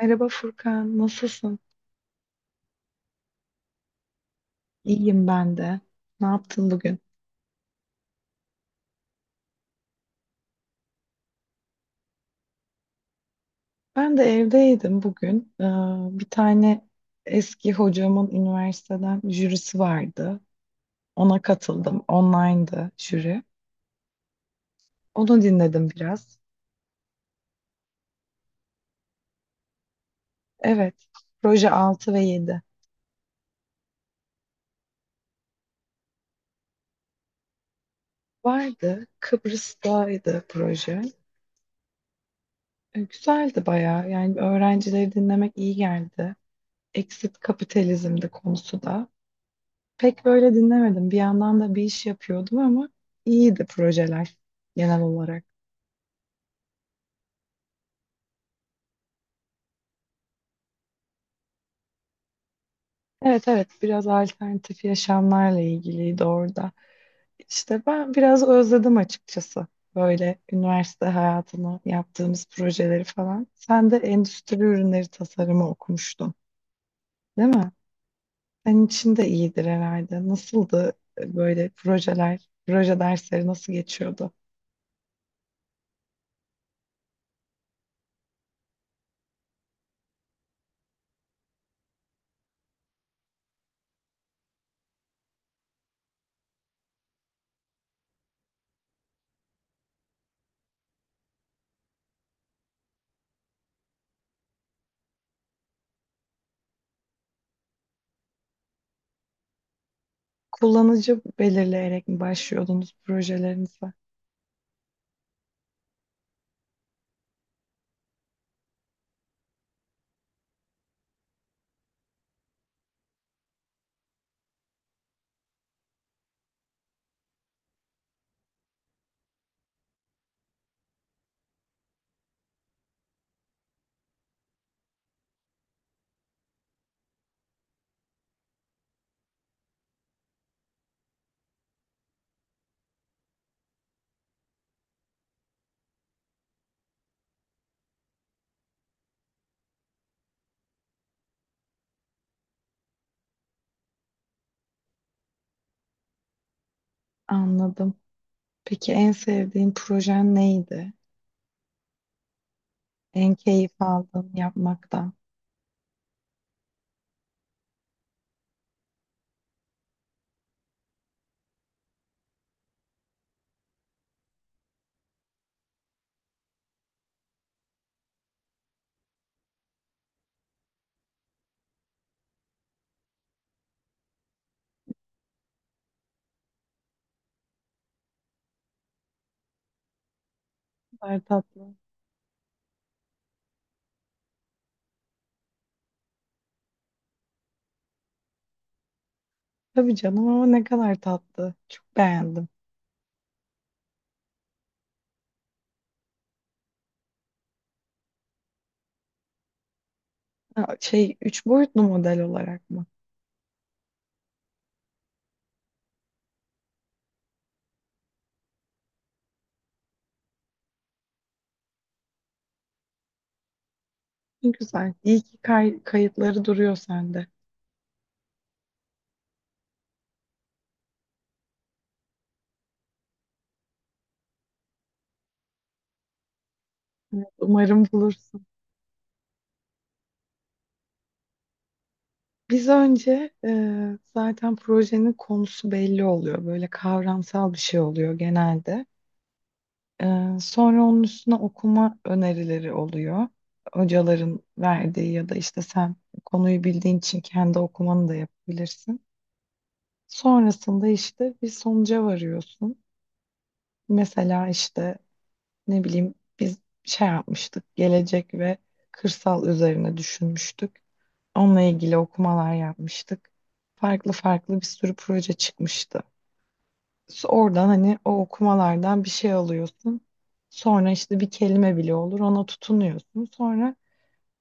Merhaba Furkan, nasılsın? İyiyim ben de. Ne yaptın bugün? Ben de evdeydim bugün. Bir tane eski hocamın üniversiteden jürisi vardı. Ona katıldım. Online'dı jüri. Onu dinledim biraz. Evet, proje 6 ve yedi vardı. Kıbrıs'taydı proje. Güzeldi bayağı. Yani öğrencileri dinlemek iyi geldi. Exit kapitalizmdi konusu da. Pek böyle dinlemedim. Bir yandan da bir iş yapıyordum ama iyiydi projeler genel olarak. Evet evet, biraz alternatif yaşamlarla ilgiliydi orada. İşte ben biraz özledim açıkçası. Böyle üniversite hayatını, yaptığımız projeleri falan. Sen de endüstri ürünleri tasarımı okumuştun, değil mi? Senin için de iyidir herhalde. Nasıldı böyle projeler, proje dersleri nasıl geçiyordu? Kullanıcı belirleyerek mi başlıyordunuz projelerinize? Anladım. Peki en sevdiğin projen neydi? En keyif aldığın yapmaktan. Ne kadar tatlı. Tabii canım, ama ne kadar tatlı. Çok beğendim. Ha, şey, üç boyutlu model olarak mı? Ne güzel. İyi ki kayıtları duruyor sende. Evet, umarım bulursun. Biz önce zaten projenin konusu belli oluyor. Böyle kavramsal bir şey oluyor genelde. Sonra onun üstüne okuma önerileri oluyor. Hocaların verdiği ya da işte sen konuyu bildiğin için kendi okumanı da yapabilirsin. Sonrasında işte bir sonuca varıyorsun. Mesela işte ne bileyim biz şey yapmıştık, gelecek ve kırsal üzerine düşünmüştük. Onunla ilgili okumalar yapmıştık. Farklı farklı bir sürü proje çıkmıştı. Oradan hani o okumalardan bir şey alıyorsun. Sonra işte bir kelime bile olur, ona tutunuyorsun. Sonra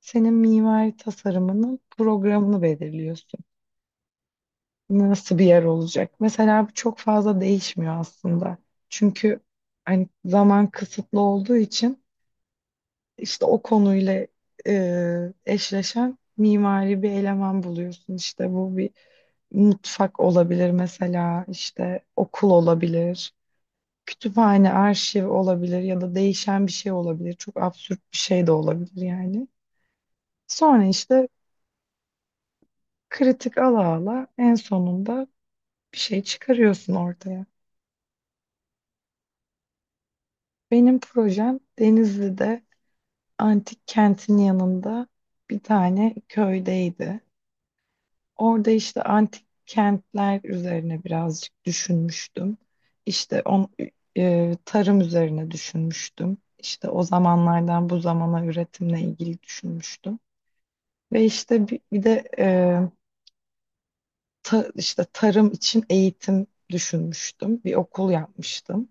senin mimari tasarımının programını belirliyorsun. Nasıl bir yer olacak? Mesela bu çok fazla değişmiyor aslında. Çünkü hani zaman kısıtlı olduğu için işte o konuyla eşleşen mimari bir eleman buluyorsun. İşte bu bir mutfak olabilir, mesela işte okul olabilir, kütüphane, arşiv olabilir ya da değişen bir şey olabilir. Çok absürt bir şey de olabilir yani. Sonra işte kritik ala ala en sonunda bir şey çıkarıyorsun ortaya. Benim projem Denizli'de antik kentin yanında bir tane köydeydi. Orada işte antik kentler üzerine birazcık düşünmüştüm. İşte tarım üzerine düşünmüştüm. İşte o zamanlardan bu zamana üretimle ilgili düşünmüştüm. Ve işte bir de işte tarım için eğitim düşünmüştüm. Bir okul yapmıştım.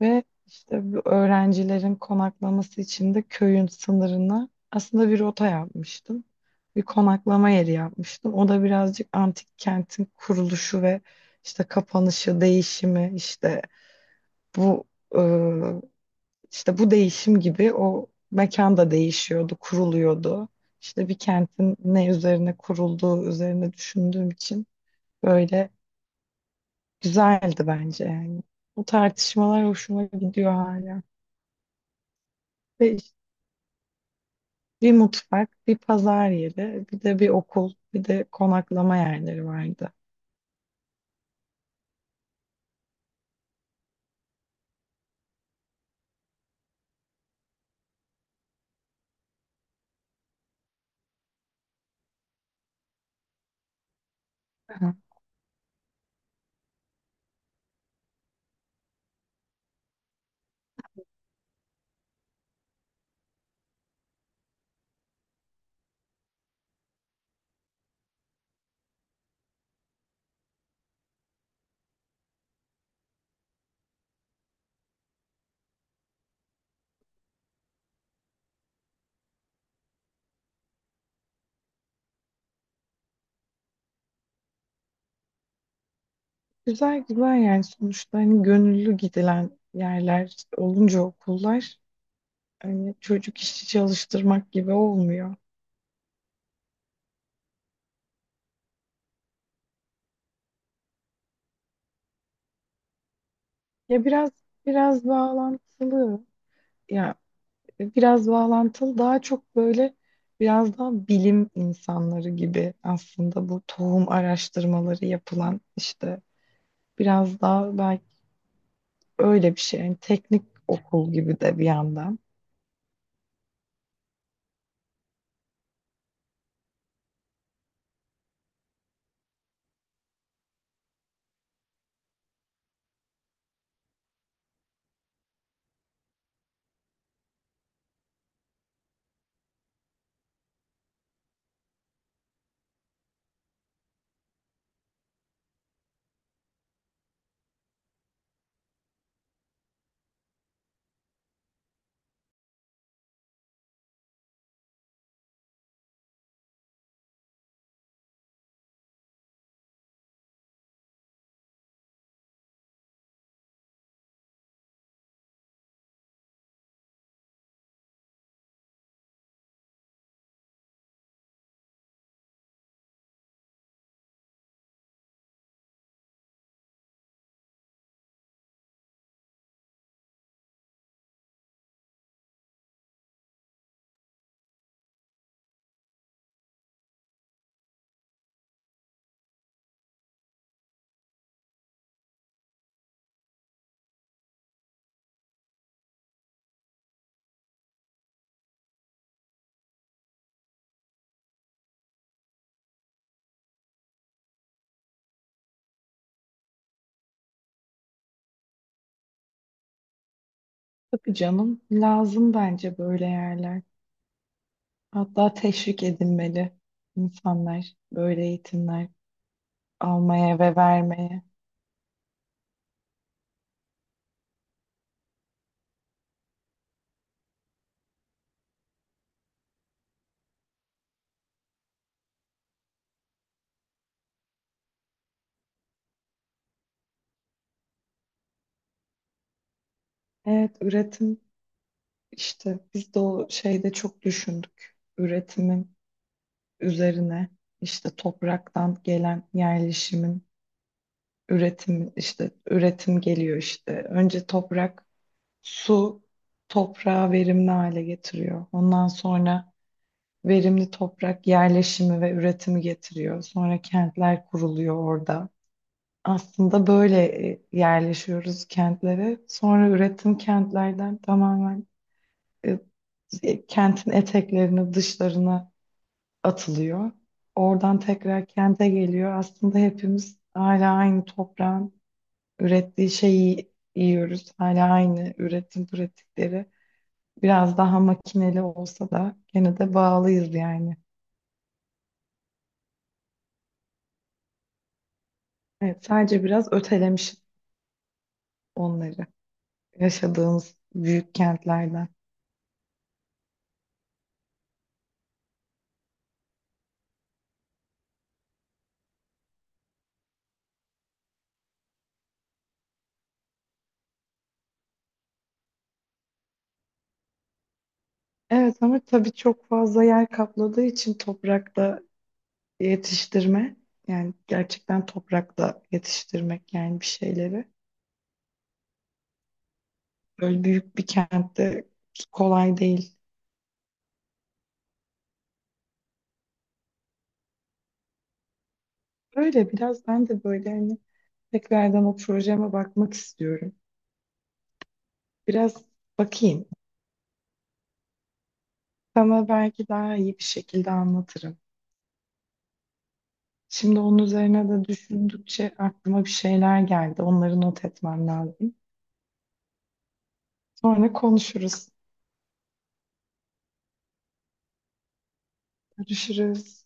Ve işte bu öğrencilerin konaklaması için de köyün sınırına aslında bir rota yapmıştım. Bir konaklama yeri yapmıştım. O da birazcık antik kentin kuruluşu ve işte kapanışı, değişimi, işte bu e, İşte bu değişim gibi o mekan da değişiyordu, kuruluyordu. İşte bir kentin ne üzerine kurulduğu üzerine düşündüğüm için böyle güzeldi bence yani. Bu tartışmalar hoşuma gidiyor hala. Ve işte bir mutfak, bir pazar yeri, bir de bir okul, bir de konaklama yerleri vardı. Aha. Güzel güzel, yani sonuçta hani gönüllü gidilen yerler olunca okullar hani çocuk işçi çalıştırmak gibi olmuyor. Ya biraz bağlantılı. Ya biraz bağlantılı, daha çok böyle biraz daha bilim insanları gibi aslında, bu tohum araştırmaları yapılan işte biraz daha belki öyle bir şey. Yani teknik okul gibi de bir yandan. Tabii canım, lazım bence böyle yerler. Hatta teşvik edilmeli insanlar böyle eğitimler almaya ve vermeye. Evet, üretim işte biz de o şeyde çok düşündük. Üretimin üzerine işte topraktan gelen yerleşimin üretimi, işte üretim geliyor işte. Önce toprak, su toprağı verimli hale getiriyor. Ondan sonra verimli toprak yerleşimi ve üretimi getiriyor. Sonra kentler kuruluyor orada. Aslında böyle yerleşiyoruz kentlere. Sonra üretim kentlerden tamamen e, kentin eteklerine, dışlarına atılıyor. Oradan tekrar kente geliyor. Aslında hepimiz hala aynı toprağın ürettiği şeyi yiyoruz. Hala aynı üretim pratikleri. Biraz daha makineli olsa da gene de bağlıyız yani. Evet, sadece biraz ötelemişiz onları yaşadığımız büyük kentlerden. Evet ama tabii çok fazla yer kapladığı için toprakta yetiştirme, yani gerçekten toprakta yetiştirmek, yani bir şeyleri böyle büyük bir kentte kolay değil. Böyle biraz ben de böyle hani tekrardan o projeme bakmak istiyorum. Biraz bakayım. Sana belki daha iyi bir şekilde anlatırım. Şimdi onun üzerine de düşündükçe aklıma bir şeyler geldi. Onları not etmem lazım. Sonra konuşuruz. Görüşürüz.